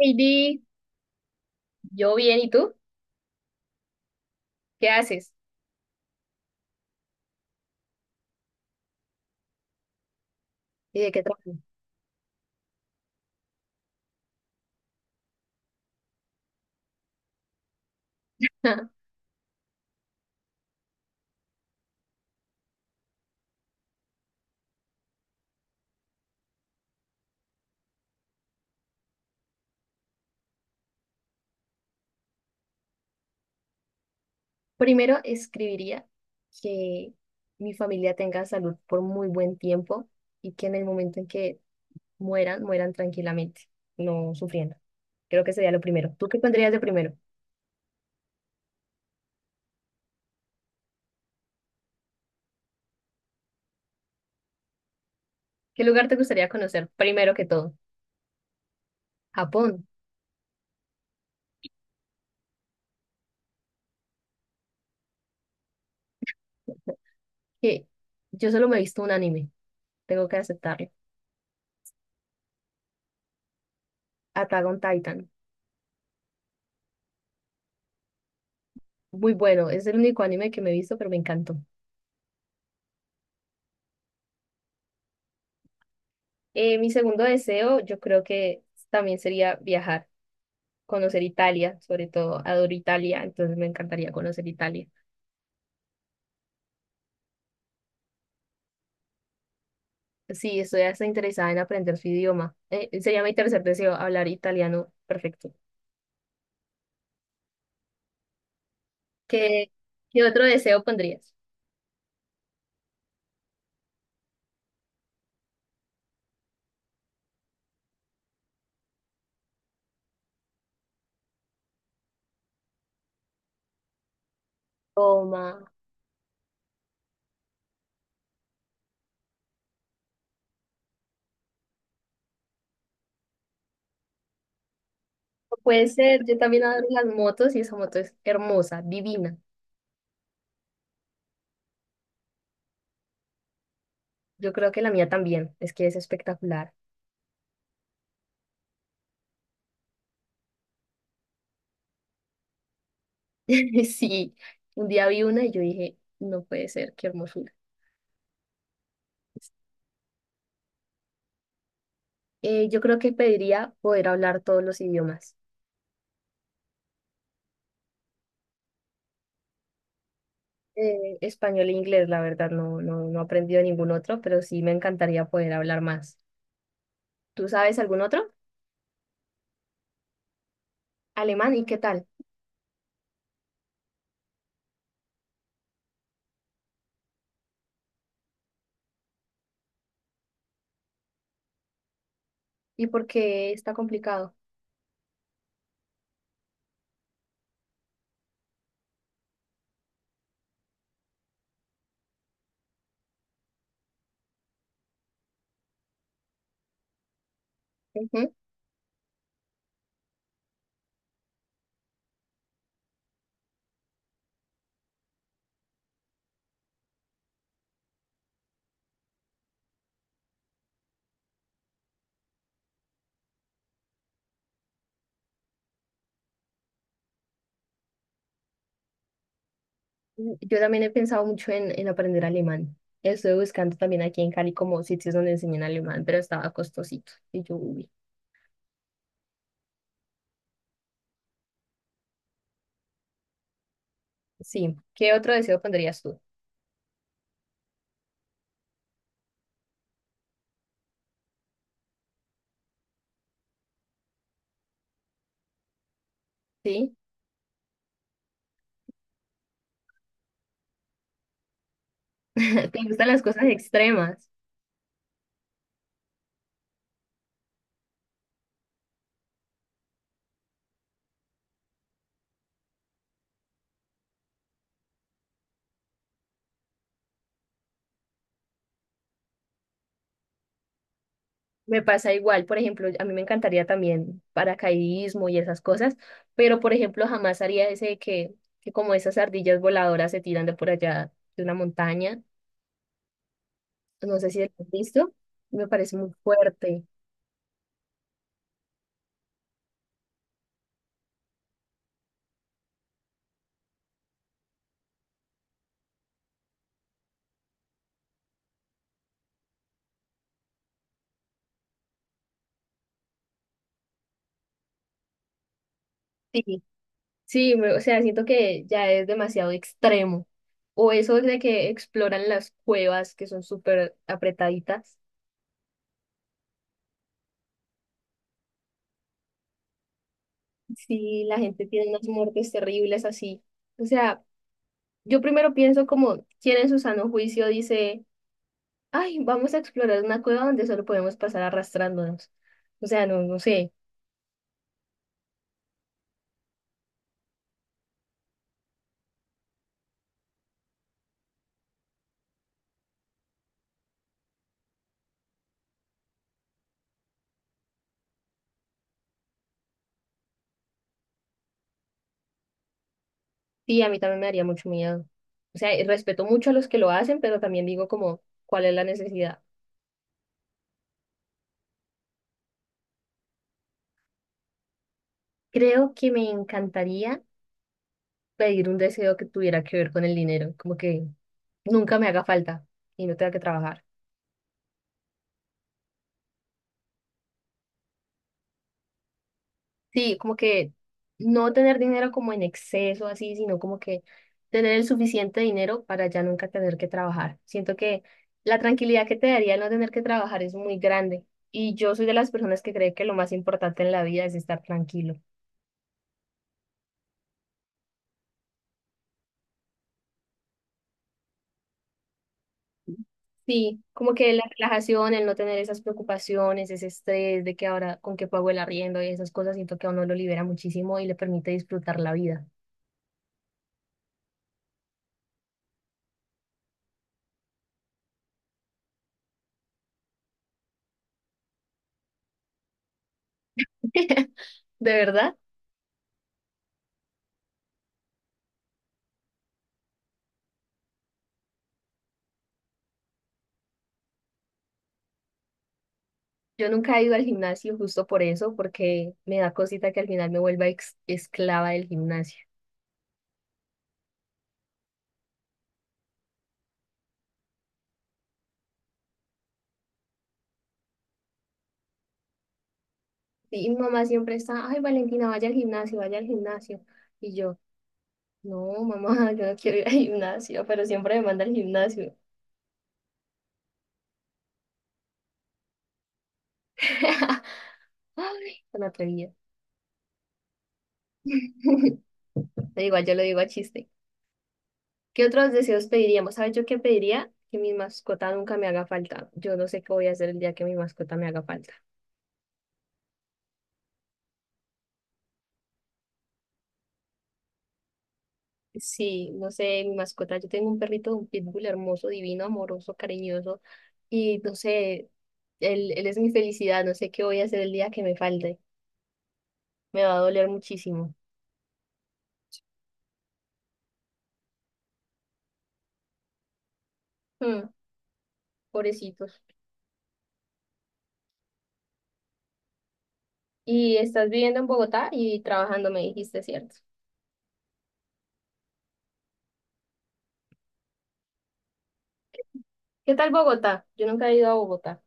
Heidi, yo bien, ¿y tú? ¿Qué haces? ¿Y de qué trabajo? Primero escribiría que mi familia tenga salud por muy buen tiempo y que en el momento en que mueran, mueran tranquilamente, no sufriendo. Creo que sería lo primero. ¿Tú qué pondrías de primero? ¿Qué lugar te gustaría conocer primero que todo? Japón, que yo solo me he visto un anime, tengo que aceptarlo. Attack on Titan, muy bueno, es el único anime que me he visto, pero me encantó. Mi segundo deseo, yo creo que también sería viajar, conocer Italia, sobre todo adoro Italia, entonces me encantaría conocer Italia. Sí, estoy hasta interesada en aprender su idioma. Sería mi tercer deseo, hablar italiano perfecto. ¿Qué, qué otro deseo pondrías? Toma. Puede ser, yo también adoro las motos y esa moto es hermosa, divina. Yo creo que la mía también, es que es espectacular. Sí, un día vi una y yo dije, no puede ser, qué hermosura. Yo creo que pediría poder hablar todos los idiomas. Español e inglés, la verdad, no, no, no he aprendido ningún otro, pero sí me encantaría poder hablar más. ¿Tú sabes algún otro? Alemán, ¿y qué tal? ¿Y por qué está complicado? Ujú. Yo también he pensado mucho en aprender alemán. Estuve buscando también aquí en Cali como sitios donde enseñan alemán, pero estaba costosito. Y yo, uy. Sí. ¿Qué otro deseo pondrías tú? ¿Sí? ¿Te gustan las cosas extremas? Me pasa igual, por ejemplo, a mí me encantaría también paracaidismo y esas cosas, pero por ejemplo jamás haría ese de que como esas ardillas voladoras se tiran de por allá de una montaña, no sé si lo has visto, me parece muy fuerte. Sí, sí, me- o sea, siento que ya es demasiado extremo. O eso de que exploran las cuevas que son súper apretaditas. Sí, la gente tiene unas muertes terribles así. O sea, yo primero pienso como, ¿quién en su sano juicio dice... ay, vamos a explorar una cueva donde solo podemos pasar arrastrándonos. O sea, no, no sé. Sí, a mí también me daría mucho miedo. O sea, y respeto mucho a los que lo hacen, pero también digo como, ¿cuál es la necesidad? Creo que me encantaría pedir un deseo que tuviera que ver con el dinero, como que nunca me haga falta y no tenga que trabajar. Sí, como que no tener dinero como en exceso, así, sino como que tener el suficiente dinero para ya nunca tener que trabajar. Siento que la tranquilidad que te daría el no tener que trabajar es muy grande. Y yo soy de las personas que cree que lo más importante en la vida es estar tranquilo. Sí, como que la relajación, el no tener esas preocupaciones, ese estrés de que ahora con qué pago el arriendo y esas cosas, siento que a uno lo libera muchísimo y le permite disfrutar la vida. ¿De verdad? Yo nunca he ido al gimnasio justo por eso, porque me da cosita que al final me vuelva ex- esclava del gimnasio. Y mi mamá siempre está, ay, Valentina, vaya al gimnasio, vaya al gimnasio. Y yo, no, mamá, yo no quiero ir al gimnasio, pero siempre me manda al gimnasio. Ay, tan atrevida. Pero igual yo lo digo a chiste. ¿Qué otros deseos pediríamos? ¿Sabes yo qué pediría? Que mi mascota nunca me haga falta. Yo no sé qué voy a hacer el día que mi mascota me haga falta. Sí, no sé, mi mascota, yo tengo un perrito, un pitbull hermoso, divino, amoroso, cariñoso, y no sé, él es mi felicidad, no sé qué voy a hacer el día que me falte, me va a doler muchísimo. Mm, pobrecitos. Y estás viviendo en Bogotá y trabajando, me dijiste, ¿cierto? ¿Qué tal Bogotá? Yo nunca he ido a Bogotá.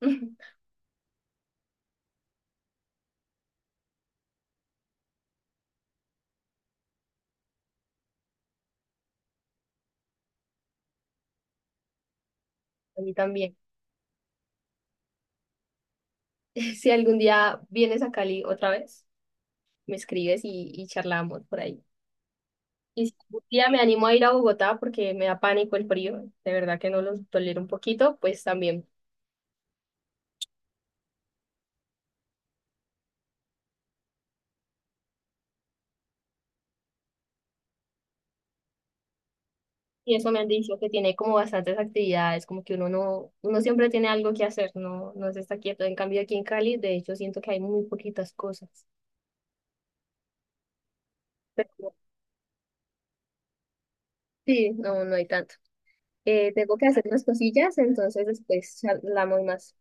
A mí también. Si algún día vienes a Cali otra vez, me escribes y charlamos por ahí. Y si algún día me animo a ir a Bogotá porque me da pánico el frío, de verdad que no los tolero un poquito, pues también. Y eso me han dicho que tiene como bastantes actividades, como que uno no, uno siempre tiene algo que hacer, no, no se está quieto. En cambio aquí en Cali, de hecho, siento que hay muy poquitas cosas. Pero sí, no, no hay tanto. Tengo que hacer unas cosillas, entonces después charlamos más.